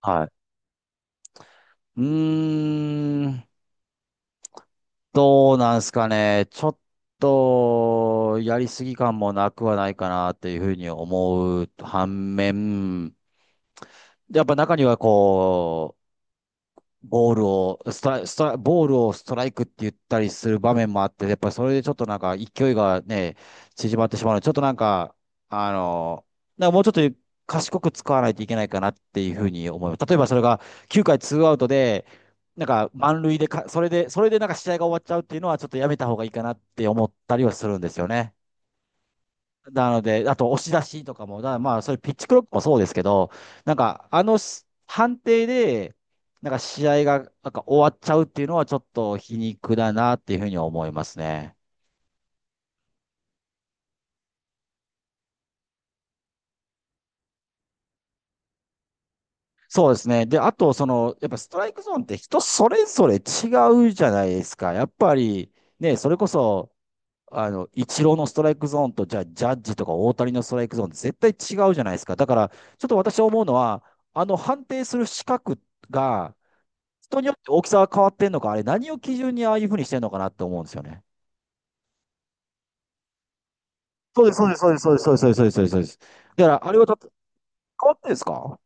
はい。うーん、どうなんすかね。ちょっと、やりすぎ感もなくはないかなっていうふうに思う反面、やっぱ中にはこう、ボールを、ストライ、ストライ、ボールをストライクって言ったりする場面もあって、やっぱりそれでちょっとなんか勢いがね、縮まってしまうので、ちょっとなんか、あの、なんかもうちょっと賢く使わないといけないかなっていうふうに思います。例えばそれが9回ツーアウトで、なんか満塁でか、それでなんか試合が終わっちゃうっていうのはちょっとやめた方がいいかなって思ったりはするんですよね。なので、あと押し出しとかも、だからまあ、それピッチクロックもそうですけど、なんか、あのし判定で、なんか試合がなんか終わっちゃうっていうのはちょっと皮肉だなっていうふうに思いますね。そうですね。で、あと、やっぱストライクゾーンって人それぞれ違うじゃないですか。やっぱり、ね、それこそ、イチローのストライクゾーンと、じゃあ、ジャッジとか大谷のストライクゾーンって絶対違うじゃないですか。だから、ちょっと私思うのは、あの判定する資格が、人によって大きさが変わってんのか、あれ何を基準にああいうふうにしてんのかなって思うんですよね。そうです、そうです、そうです、そうです、そうです、そうです、そうです。そうです。だから、あれはだって変わってんですか？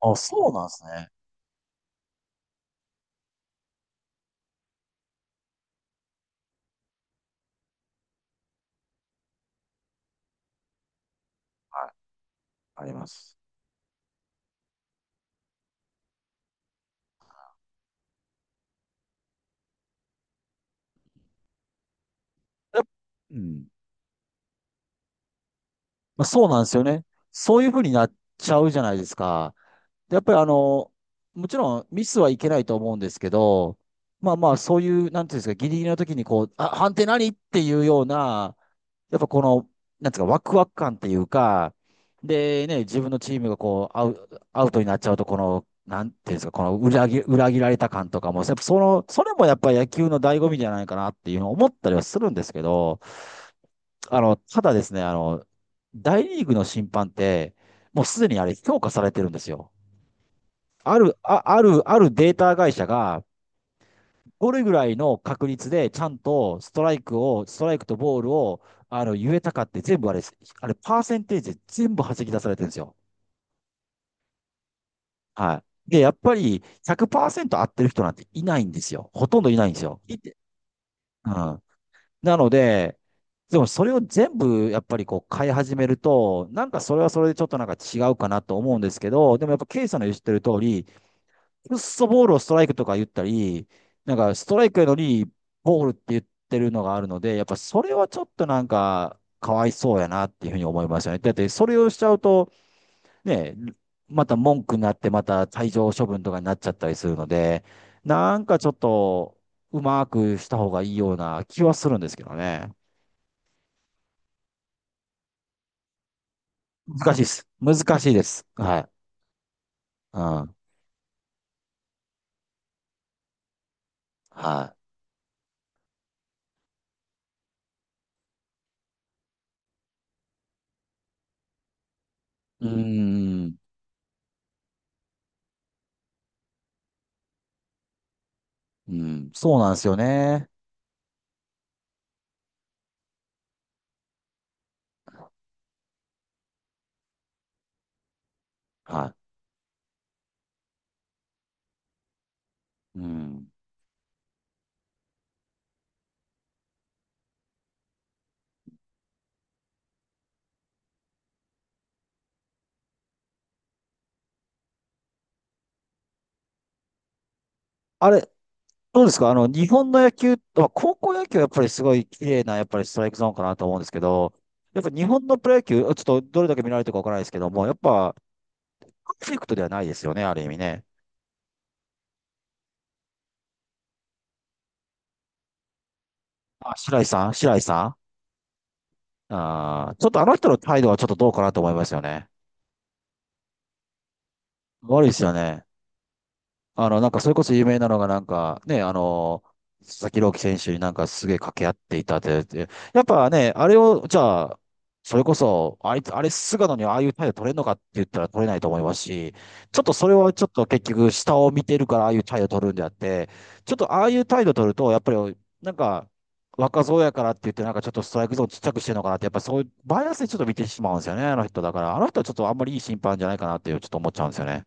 あ、そうなんですね。はい。あります。やっうん。まあ、そうなんですよね。そういうふうになっちゃうじゃないですか。でやっぱりもちろんミスはいけないと思うんですけど、まあまあ、そういう、なんていうんですか、ギリギリの時にこう、あ、判定何っていうような、やっぱこの、なんつうか、ワクワク感っていうか、でね、自分のチームがこう、アウトになっちゃうと、この、なんていうんですか、この裏切られた感とかも、やっぱそれもやっぱり野球の醍醐味じゃないかなっていうのを思ったりはするんですけど、ただですね、大リーグの審判って、もうすでにあれ、評価されてるんですよ。ある、あ、ある、あるデータ会社が、どれぐらいの確率でちゃんとストライクを、ストライクとボールを、あの、言えたかって全部あれ、パーセンテージで全部弾き出されてるんですよ。はい。で、やっぱり100%合ってる人なんていないんですよ。ほとんどいないんですよ。うん。なので、でもそれを全部やっぱりこう変え始めると、なんかそれはそれでちょっとなんか違うかなと思うんですけど、でもやっぱケイさんの言ってる通り、くっそボールをストライクとか言ったり、なんかストライクやのにボールって言ってるのがあるので、やっぱそれはちょっとなんかかわいそうやなっていうふうに思いますよね。だってそれをしちゃうと、ね、また文句になってまた退場処分とかになっちゃったりするので、なんかちょっとうまくした方がいいような気はするんですけどね。難しいです。難しいです。はい。うん。はい。うーん。うん。そうなんですよね。はい。うん。あれ、どうですか日本の野球、まあ高校野球はやっぱりすごい綺麗な、やっぱりストライクゾーンかなと思うんですけど、やっぱ日本のプロ野球、ちょっとどれだけ見られてるかわからないですけども、やっぱ、パーフェクトではないですよね、ある意味ね。あ、白井さん白井さん。あーちょっとあの人の態度はちょっとどうかなと思いますよね。悪いですよね。なんか、それこそ有名なのが、なんか、ね、佐々木朗希選手になんかすげえ掛け合っていたって、やっぱね、あれを、じゃあ、それこそ、あいつ、あれ、菅野にああいう態度取れるのかって言ったら取れないと思いますし、ちょっとそれはちょっと結局、下を見てるからああいう態度取るんであって、ちょっとああいう態度取ると、やっぱり、なんか、若造やからって言って、なんかちょっとストライクゾーンちっちゃくしてるのかなって、やっぱそういう、バイアスでちょっと見てしまうんですよね、あの人だから。あの人はちょっとあんまりいい審判じゃないかなっていう、ちょっと思っちゃうんですよね。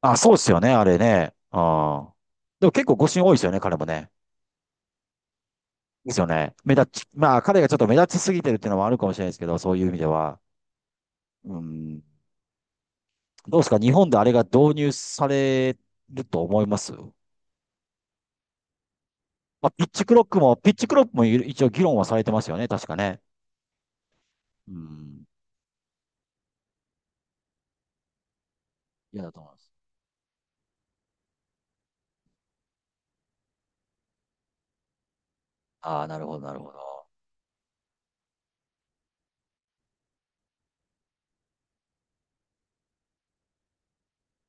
あ、そうですよね、あれね。あ。でも結構誤審多いですよね、彼もね。ですよね。目立ち、まあ彼がちょっと目立ちすぎてるっていうのもあるかもしれないですけど、そういう意味では。うん。どうですか、日本であれが導入されると思います。まあ、ピッチクロックも、ピッチクロックも一応議論はされてますよね、確かね。うん。いやだと思います。ああ、なるほど、なるほど。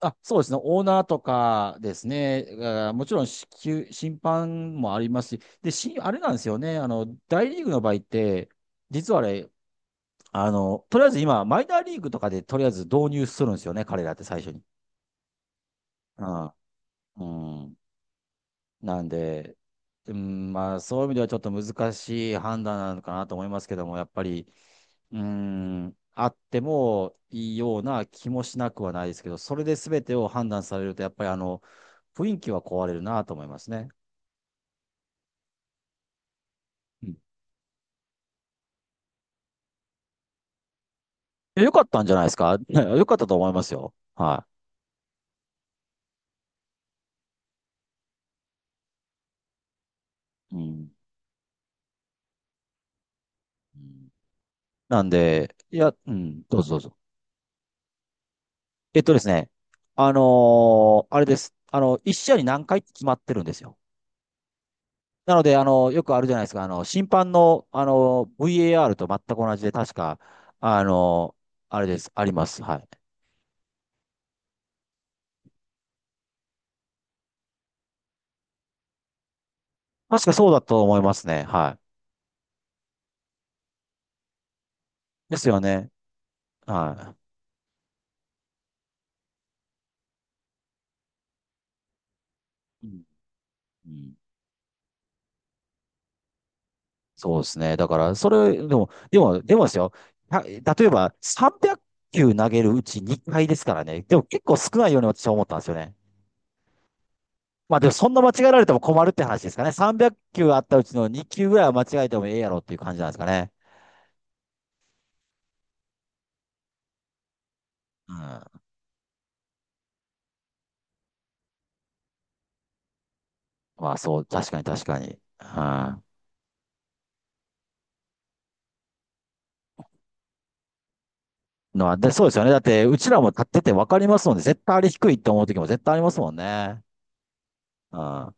あ、そうですね。オーナーとかですね。あーもちろん支給、審判もありますし。で、し、あれなんですよね。あの、大リーグの場合って、実はあれ、あの、とりあえず今、マイナーリーグとかでとりあえず導入するんですよね。彼らって最初に。うん。うん。なんで、うん、まあ、そういう意味ではちょっと難しい判断なのかなと思いますけども、やっぱり、うーん、あってもいいような気もしなくはないですけど、それで全てを判断されると、やっぱりあの、雰囲気は壊れるなと思いますね。うん。よかったんじゃないですかね よかったと思いますよ。はい。うん。うん。なんで、いや、うん、どうぞどうぞ。ですね、あれです。一試合に何回って決まってるんですよ。なので、よくあるじゃないですか、審判の、VAR と全く同じで、確か、あの、あれです。あります。はい。確かそうだと思いますね。はい。ですよね。はい。うん。うん。そうですね。だから、それ、でもですよ。例えば、300球投げるうち2回ですからね。でも結構少ないように私は思ったんですよね。まあでも、そんな間違えられても困るって話ですかね。300球あったうちの2球ぐらいは間違えてもええやろっていう感じなんですかね。うん。まあそう、確かに確かに。うん。のは、で、そうですよね。だって、うちらも立ってて分かりますので、絶対あれ低いって思う時も絶対ありますもんね。うん。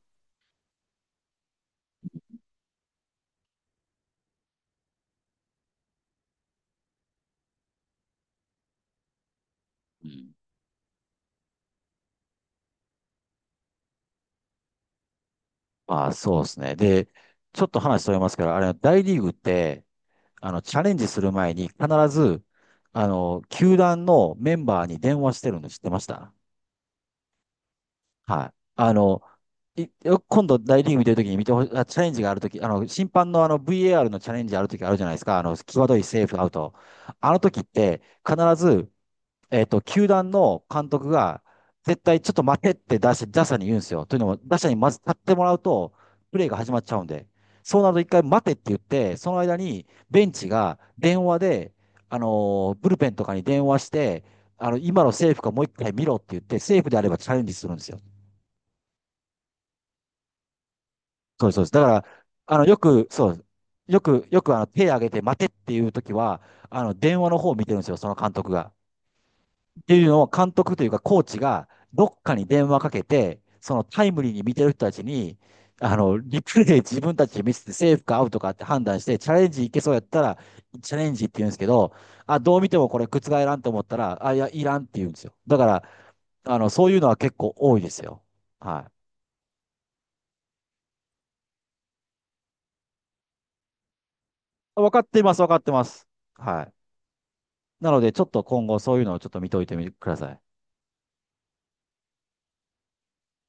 うん。まあ、そうですね。で、ちょっと話それますけど、あれ、大リーグって、チャレンジする前に必ず、球団のメンバーに電話してるの知ってました？はい。いよ今度大リーグ見てるときに見てほしい、あ、チャレンジがあるとき、審判のあの VAR のチャレンジあるときあるじゃないですか。際どいセーフアウト。あのときって、必ず球団の監督が、絶対ちょっと待てって打者、打者に言うんですよ。というのも、打者にまず立ってもらうと、プレーが始まっちゃうんで、そうなると一回待てって言って、その間にベンチが電話で、ブルペンとかに電話して、今のセーフかもう一回見ろって言って、セーフであればチャレンジするんですよ。そうです、そうです。だから、あの、よく、そう、よくあの手挙げて待てっていう時は、電話の方を見てるんですよ、その監督が。っていうのを監督というかコーチがどっかに電話かけて、そのタイムリーに見てる人たちに、リプレイ 自分たちで見せてセーフかアウトかって判断して、チャレンジいけそうやったら、チャレンジって言うんですけど、あ、どう見てもこれ覆らんと思ったら、あ、いや、いらんって言うんですよ。だから、そういうのは結構多いですよ。はい。分かってます、分かってます。はい。なので、ちょっと今後そういうのをちょっと見といてみてください。